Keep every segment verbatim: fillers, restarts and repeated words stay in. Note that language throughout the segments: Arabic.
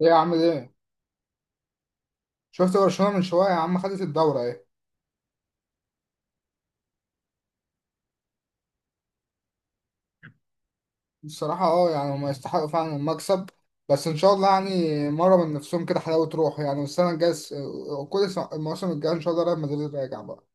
ايه يا عم ده؟ شفت برشلونة من شوية يا عم، خدت الدورة ايه؟ الصراحة اه يعني هما يستحقوا فعلا المكسب. بس ان شاء الله يعني مرة من نفسهم كده، حلاوة روح يعني. والسنة الجاية س- كل س- الموسم الجاي ان شاء الله ريال مدريد راجع بقى.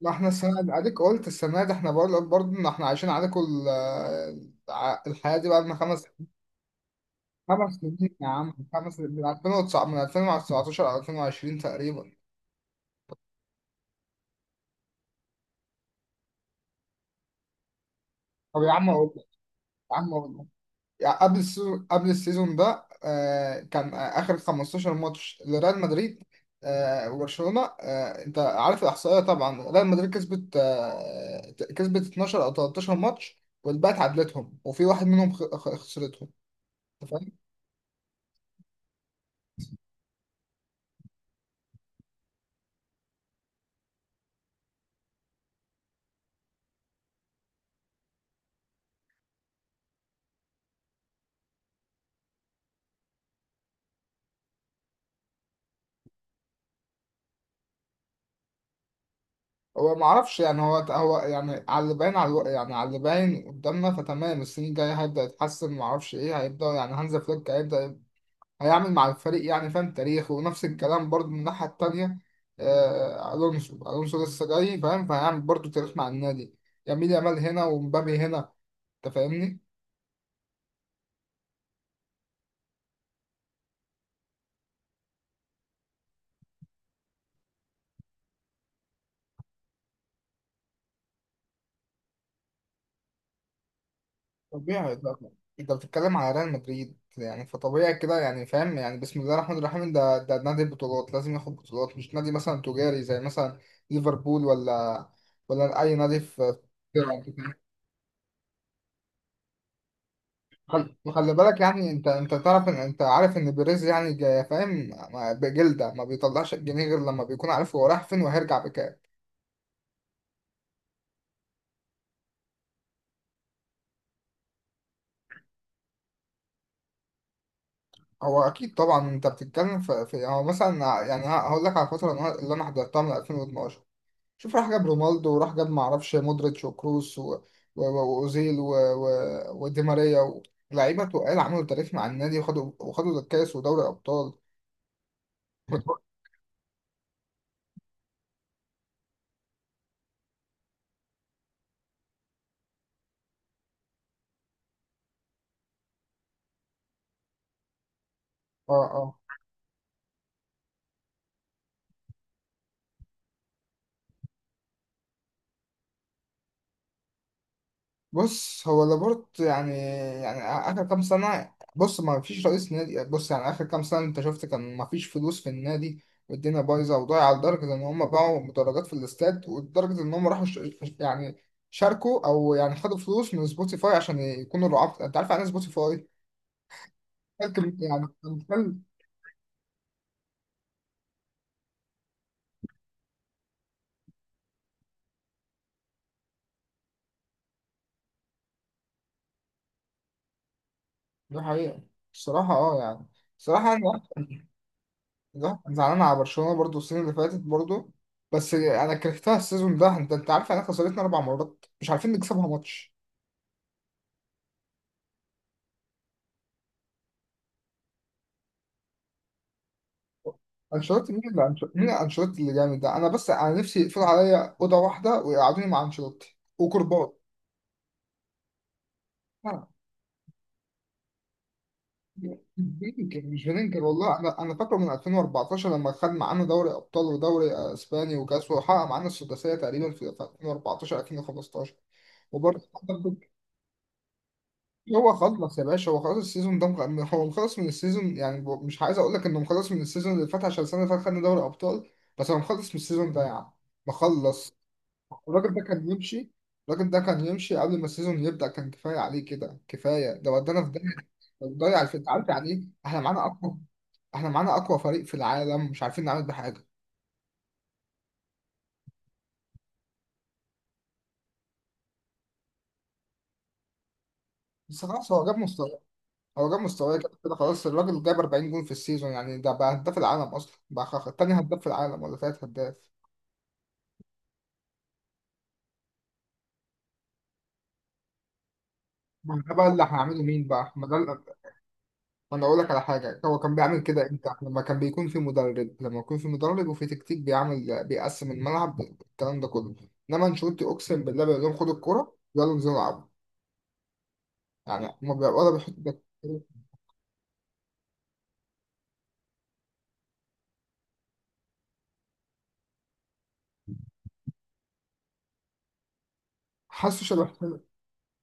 ما احنا السنة دي اديك قلت السنة دي احنا برضه برضه ان احنا عايشين عليك ال- ع- الحياة دي بقى لنا خمس خمس سنين يا عم، خمس من الفين وتسعة من الفين وتسعتاشر على الفين وعشرين تقريبا. طب يا عم اقول لك، يا عم اقول لك يعني قبل السيزون قبل السيزون ده آه، كان آه، آخر خمستاشر ماتش لريال مدريد، آه، وبرشلونة، آه، أنت عارف الإحصائية. طبعا ريال مدريد كسبت آه، كسبت اتناشر أو تلاتاشر ماتش، والباقي اتعادلتهم، وفي واحد منهم خ- خ- خسرتهم. أنت فاهم؟ هو ما اعرفش يعني، هو هو يعني على اللي باين على الو- يعني على اللي باين قدامنا. فتمام، السنين الجاية هيبدأ يتحسن ما اعرفش ايه، هيبدأ يعني هانز فليك هيبدأ هيعمل مع الفريق يعني فاهم تاريخ. ونفس الكلام برضه من الناحية التانية، آه، ألونسو ألونسو لسه جاي فاهم، فهيعمل برضه تاريخ مع النادي. يمين يامال هنا ومبابي هنا، أنت فاهمني؟ طبيعي طبعا، أنت بتتكلم على ريال مدريد، يعني فطبيعي كده يعني فاهم، يعني بسم الله الرحمن الرحيم، ده ده نادي بطولات لازم ياخد بطولات، مش نادي مثلا تجاري زي مثلا ليفربول، ولا ولا أي نادي في في- أوروبا. خل- خلي بالك يعني، انت انت تعرف ان انت عارف ان بيريز يعني جا- فاهم، ما- بجلده ما بيطلعش الجنيه غير لما بيكون عارف هو رايح فين وهيرجع بكام. هو اكيد طبعا، انت بتتكلم في, في يعني هو مثلا ع- يعني ه- هقول لك على الفتره اللي انا اللي أنا حضرتها من الفين واثنا عشر. شوف، راح جاب رونالدو وراح جاب ما اعرفش مودريتش وكروس و- و- و- واوزيل و- و- ودي ماريا و- لعيبه تقال عملوا تاريخ مع النادي وخدوا وخدوا الكاس ودوري ابطال. اه، اه. بص هو لابورت يعني، يعني اخر كام سنه، بص ما فيش رئيس نادي، بص يعني اخر كام سنه انت شفت كان ما فيش فلوس في النادي، والدنيا بايظه وضايعه لدرجه ان هم باعوا مدرجات في الاستاد، ولدرجه ان هم راحوا ش... يعني شاركوا او يعني خدوا فلوس من سبوتيفاي عشان يكونوا رعاة. انت عارف يعني إيه سبوتيفاي؟ لكن يعني كان- كان- دي حقيقه. الصراحه اه يعني، الصراحه، لا أنا زعلان على برشلونة برضو السنة اللي فاتت برضو. بس أنا كرهتها السيزون ده، أنت أنت عارف إحنا خسرتنا أربع مرات مش عارفين نكسبها ماتش. أنشيلوتي مين؟ اللي أنشيلوتي مين؟ أنشيلوتي اللي جامد ده؟ أنا بس أنا نفسي يقفلوا عليا أوضة واحدة ويقعدوني مع أنشيلوتي وكرباط. لا، بينكر مش بينكر والله، أنا أنا فاكره من الفين واربعتاشر لما خد معانا دوري أبطال ودوري أسباني وكأس، وحقق معانا السداسية تقريبا في الفين واربعتاشر الفين وخمسة عشر. وبرضه هو خلص يا باشا، هو خلاص السيزون ده مخ- هو مخلص من السيزون يعني، ب- مش عايز اقول لك انه مخلص من السيزون اللي فات عشان السنه اللي فاتت خدنا دوري ابطال، بس هو مخلص من السيزون ده يعني مخلص. الراجل ده كان يمشي الراجل ده كان يمشي قبل ما السيزون يبدا، كان كفايه عليه كده، كفايه، ده ودانا في داهيه. ضيع الفريق، عارف يعني ايه؟ احنا معانا اقوى احنا معانا اقوى فريق في العالم مش عارفين نعمل بحاجه. بس خلاص هو جاب مستوى هو جاب مستوى كده كده خلاص. الراجل جاب اربعين جون في السيزون، يعني ده بقى هداف العالم اصلا بقى، خ- تاني هداف في العالم ولا تالت هداف. ما ده بقى اللي هنعمله مين بقى؟ ما ده ال- ما انا اقول لك على حاجه، هو كان بيعمل كده امتى؟ لما كان بيكون في مدرب لما يكون في مدرب وفي تكتيك بيعمل بيقسم الملعب الكلام ده كله. انما انشيلوتي، اقسم بالله، بيقول لهم خدوا الكوره يلا انزلوا العبوا، يعني هما بيبقوا ولا بيحطوا ده؟ حاسه شبه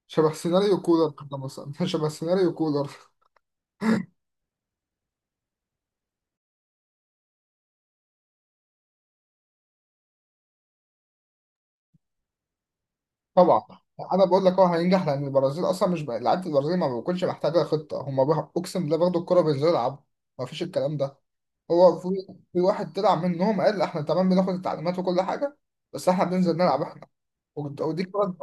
شبه سيناريو كولر كده مثلا. شبه سيناريو كولر. طبعا، انا بقول لك هو هينجح لان البرازيل اصلا مش بقى- لعيبه البرازيل ما بتكونش محتاجه خطه، هم بقى- اقسم بالله بياخدوا الكوره بينزلوا يلعبوا، ما فيش الكلام ده. هو في في واحد طلع منهم قال احنا تمام بناخد التعليمات وكل حاجه، بس احنا بننزل نلعب احنا. ود- ودي كانت.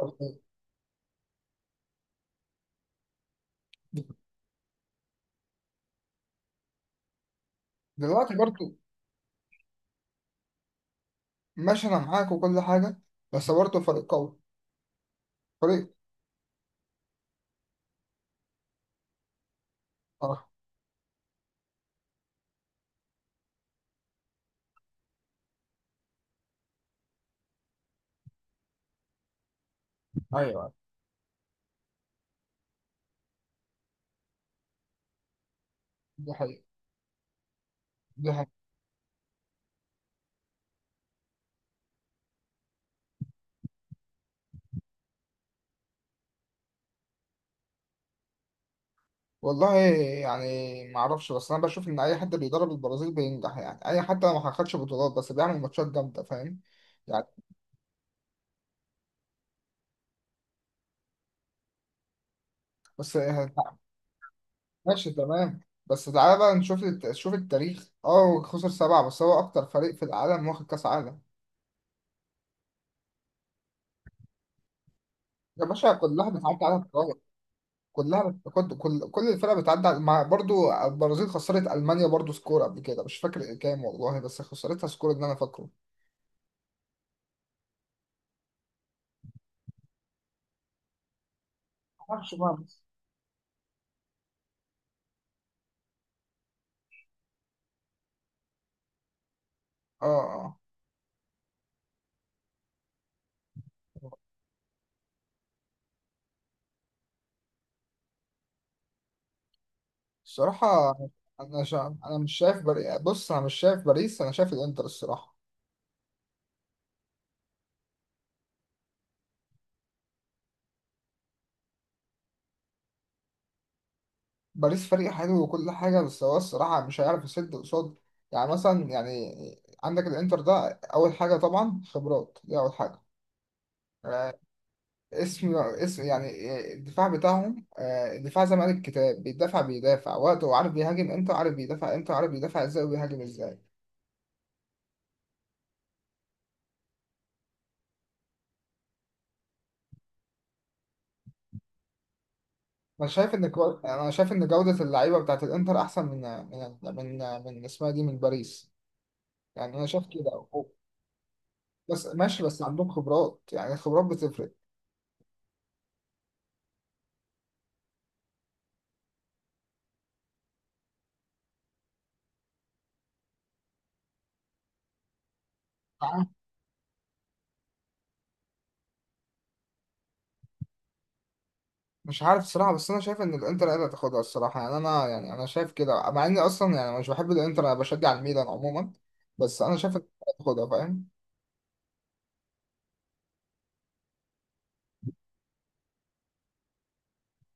دلوقتي برضو، ماشي انا معاك وكل حاجه، بس برضو فريق قوي، فريق. اه، ايوه، دي حقيقه، دي حقيقه. والله يعني ما اعرفش، بس انا بشوف ان اي حد بيدرب البرازيل بينجح يعني، اي حتى لو ما خدش بطولات بس بيعمل ماتشات جامده، فاهم يعني. بس ماشي تمام. بس تعالى بقى نشوف الت- شوف التاريخ، اه خسر سبعة، بس هو اكتر فريق في العالم واخد كاس عالم. يا باشا كلها بتعدي على الطوارئ، كلها بت... كل كل كل الفرق بتعدي على- مع برضو البرازيل خسرت المانيا برضو سكور قبل كده مش فاكر كام والله، بس خسرتها سكور اللي انا فاكره. معرفش بقى بس. اه، اه الصراحه، انا شا... انا مش شايف بري... بص، انا مش شايف باريس، انا شايف الانتر الصراحه. باريس فريق حلو وكل حاجه، بس هو الصراحه مش هيعرف يسد قصاد، يعني مثلا يعني عندك الانتر ده، اول حاجه طبعا خبرات دي اول حاجه، اسم اسم يعني آه، الدفاع بتاعهم، آه، الدفاع زي ما قال الكتاب بيدافع، بيدافع وقته وعارف بيهاجم امتى وعارف بيدافع امتى وعارف بيدافع ازاي وبيهاجم ازاي. انا شايف ان كو... انا شايف ان جودة اللعيبة بتاعت الانتر احسن من من من من اسمها دي، من باريس، يعني انا شايف كده. بس ماشي، بس عندهم خبرات، يعني الخبرات بتفرق. مش عارف الصراحة، بس أنا شايف إن الإنتر هي اللي هتاخدها الصراحة، يعني أنا، يعني أنا شايف كده، مع إني أصلا يعني مش بحب الإنتر، أنا بشجع الميلان عموما، بس أنا شايف إن الإنتر هتاخدها، فاهم.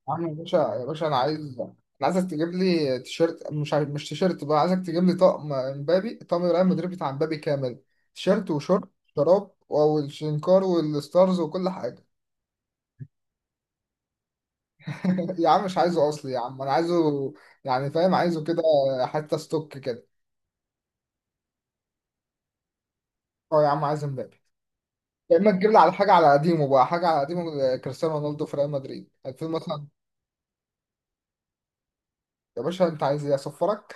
يا عم، يا باشا يا باشا، انا عايز، انا عايزك تجيب لي تيشيرت، مش عايز... مش تيشيرت بقى، عايزك تجيب لي طقم امبابي، طقم الريال مدريد بتاع امبابي كامل، تيشيرت وشورت شراب والشنكار والستارز وكل حاجه. يا عم مش عايزه اصلي يا عم، انا عايزه يعني، فاهم، عايزه كده، حتى ستوك كده. اه يا عم، عايز امبابي، يا اما تجيب لي على حاجه على قديمه، بقى حاجه على قديمه، آه، كريستيانو رونالدو في ريال مدريد الفين مثلا. يا باشا انت عايز ايه اصفرك؟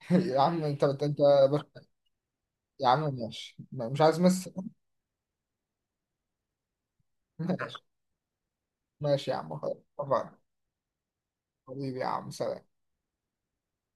يا عم، انت انت, انت. يا عم ماشي، مش عايز ميسي. ماشي يا عم خلاص اتفقنا. حبيبي يا عم سلام.